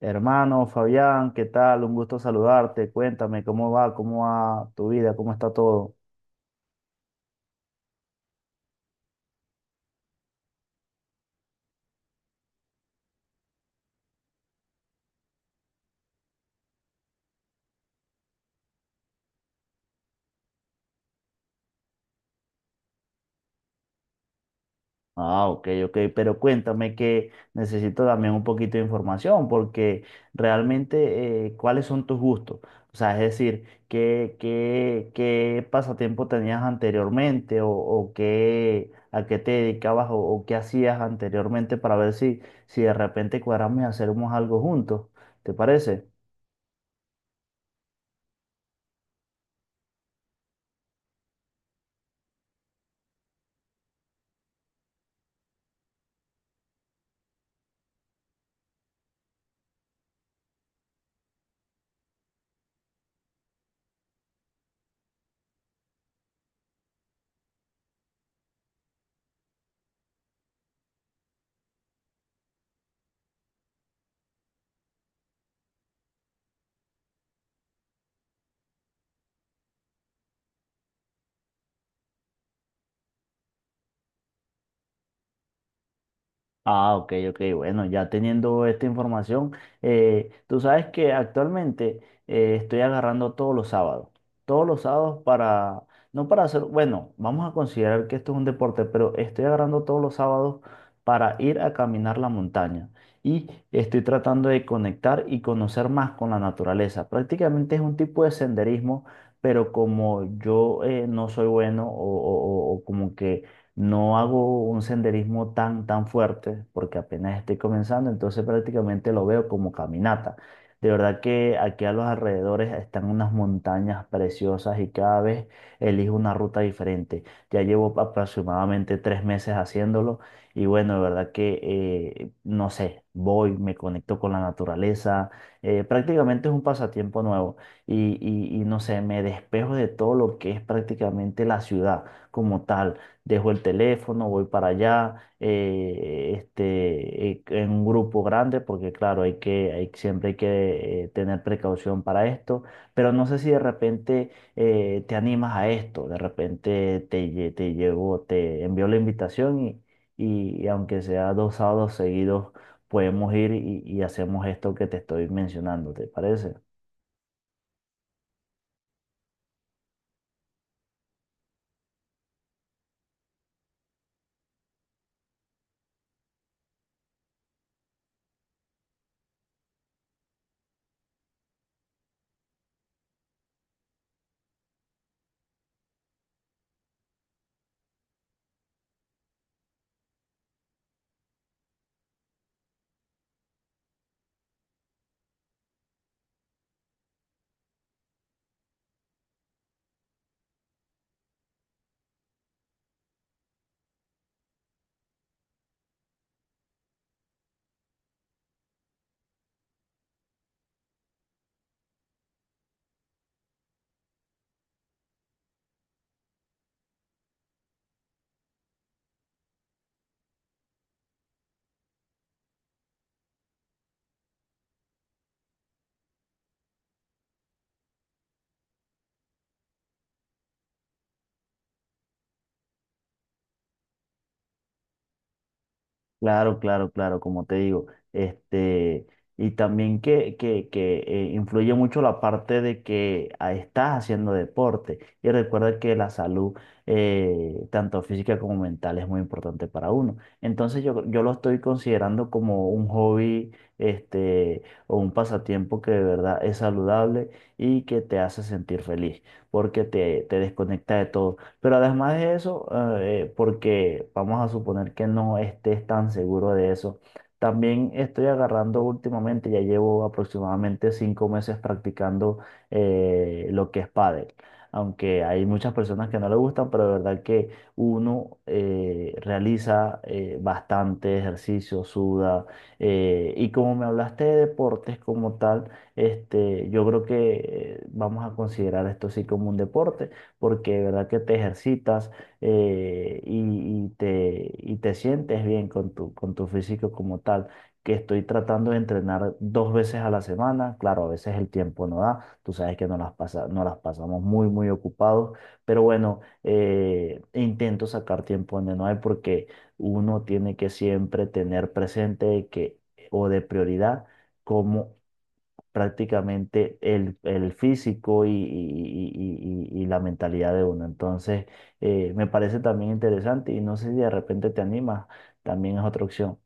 Hermano Fabián, ¿qué tal? Un gusto saludarte. Cuéntame cómo va tu vida, cómo está todo. Ah, ok, ok, pero cuéntame que necesito también un poquito de información porque realmente cuáles son tus gustos. O sea, es decir, ¿qué pasatiempo tenías anteriormente o qué, a qué te dedicabas o qué hacías anteriormente para ver si de repente cuadramos y hacemos algo juntos? ¿Te parece? Ah, ok, ok, bueno, ya teniendo esta información, tú sabes que actualmente estoy agarrando todos los sábados para, no para hacer, bueno, vamos a considerar que esto es un deporte, pero estoy agarrando todos los sábados para ir a caminar la montaña y estoy tratando de conectar y conocer más con la naturaleza. Prácticamente es un tipo de senderismo, pero como yo no soy bueno o como que no hago un senderismo tan fuerte porque apenas estoy comenzando, entonces prácticamente lo veo como caminata. De verdad que aquí a los alrededores están unas montañas preciosas y cada vez elijo una ruta diferente. Ya llevo aproximadamente tres meses haciéndolo y bueno, de verdad que, no sé, voy, me conecto con la naturaleza. Prácticamente es un pasatiempo nuevo y, y no sé, me despejo de todo lo que es prácticamente la ciudad como tal. Dejo el teléfono, voy para allá, en un grupo grande, porque claro, hay que, hay, siempre hay que tener precaución para esto, pero no sé si de repente te animas a esto, de repente te llevo, te envío la invitación y aunque sea dos sábados seguidos, podemos ir y hacemos esto que te estoy mencionando, ¿te parece? Claro, claro, claro, como te digo, este, y también que influye mucho la parte de que ah, estás haciendo deporte y recuerda que la salud, tanto física como mental, es muy importante para uno. Entonces yo lo estoy considerando como un hobby, este, o un pasatiempo que de verdad es saludable y que te hace sentir feliz, porque te desconecta de todo. Pero además de eso, porque vamos a suponer que no estés tan seguro de eso, también estoy agarrando últimamente, ya llevo aproximadamente cinco meses practicando lo que es pádel. Aunque hay muchas personas que no le gustan, pero de verdad que uno realiza bastante ejercicio, suda. Y como me hablaste de deportes como tal, este, yo creo que vamos a considerar esto sí como un deporte porque de verdad que te ejercitas eh, y, y te sientes bien con tu físico como tal. Que estoy tratando de entrenar dos veces a la semana, claro, a veces el tiempo no da, tú sabes que nos las pasa, nos las pasamos muy ocupados, pero bueno, intento sacar tiempo donde no hay porque uno tiene que siempre tener presente que, o de prioridad, cómo prácticamente el físico y, y la mentalidad de uno. Entonces, me parece también interesante y no sé si de repente te animas, también es otra opción.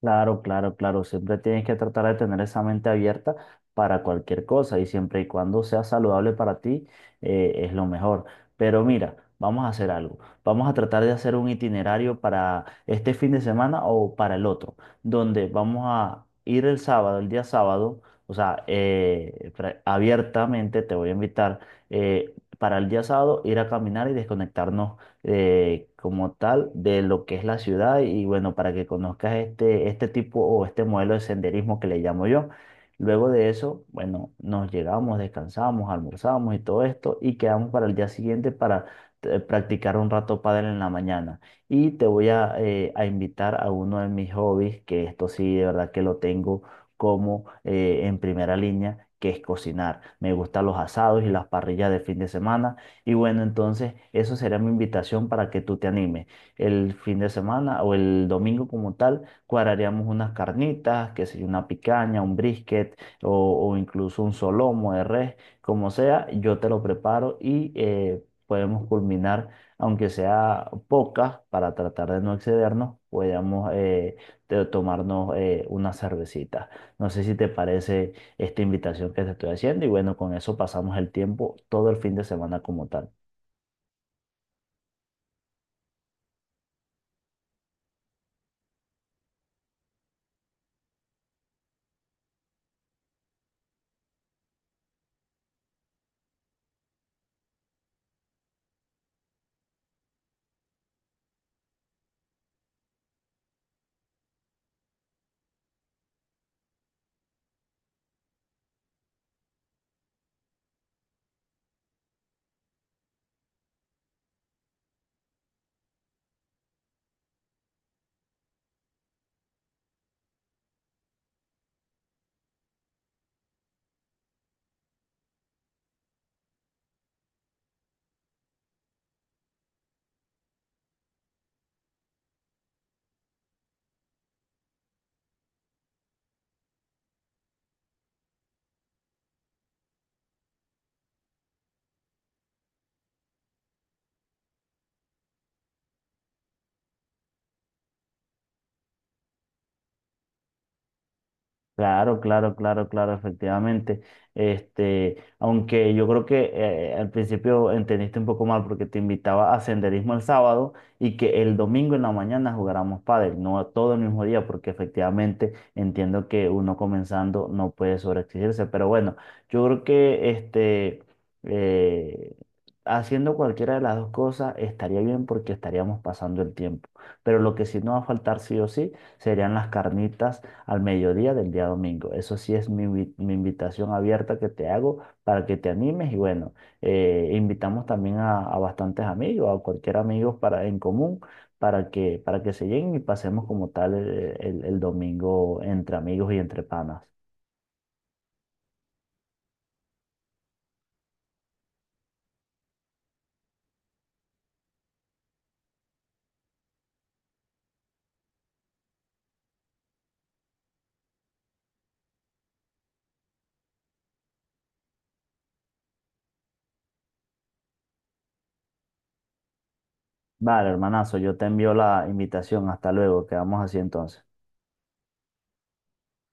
Claro, claro, claro. Siempre tienes que tratar de tener esa mente abierta para cualquier cosa y siempre y cuando sea saludable para ti, es lo mejor. Pero mira, vamos a hacer algo. Vamos a tratar de hacer un itinerario para este fin de semana o para el otro, donde vamos a ir el sábado, el día sábado, o sea, abiertamente te voy a invitar para el día sábado ir a caminar y desconectarnos como tal de lo que es la ciudad y bueno, para que conozcas este, este tipo o este modelo de senderismo que le llamo yo. Luego de eso, bueno, nos llegamos, descansamos, almorzamos y todo esto y quedamos para el día siguiente para practicar un rato pádel en la mañana. Y te voy a invitar a uno de mis hobbies, que esto sí, de verdad que lo tengo como en primera línea, que es cocinar. Me gustan los asados y las parrillas de fin de semana. Y bueno, entonces eso será mi invitación para que tú te animes. El fin de semana o el domingo como tal, cuadraríamos unas carnitas, que sea una picaña, un brisket o incluso un solomo de res, como sea, yo te lo preparo y podemos culminar, aunque sea pocas, para tratar de no excedernos, podamos tomarnos una cervecita. No sé si te parece esta invitación que te estoy haciendo y bueno, con eso pasamos el tiempo todo el fin de semana como tal. Claro, claro, claro, claro, efectivamente. Este, aunque yo creo que al principio entendiste un poco mal porque te invitaba a senderismo el sábado y que el domingo en la mañana jugáramos pádel, no todo el mismo día, porque efectivamente entiendo que uno comenzando no puede sobreexigirse. Pero bueno, yo creo que eh, haciendo cualquiera de las dos cosas estaría bien porque estaríamos pasando el tiempo. Pero lo que sí nos va a faltar sí o sí serían las carnitas al mediodía del día domingo. Eso sí es mi invitación abierta que te hago para que te animes y bueno, invitamos también a bastantes amigos, a cualquier amigo para, en común, para para que se lleguen y pasemos como tal el, el domingo entre amigos y entre panas. Vale, hermanazo, yo te envío la invitación. Hasta luego, quedamos así entonces.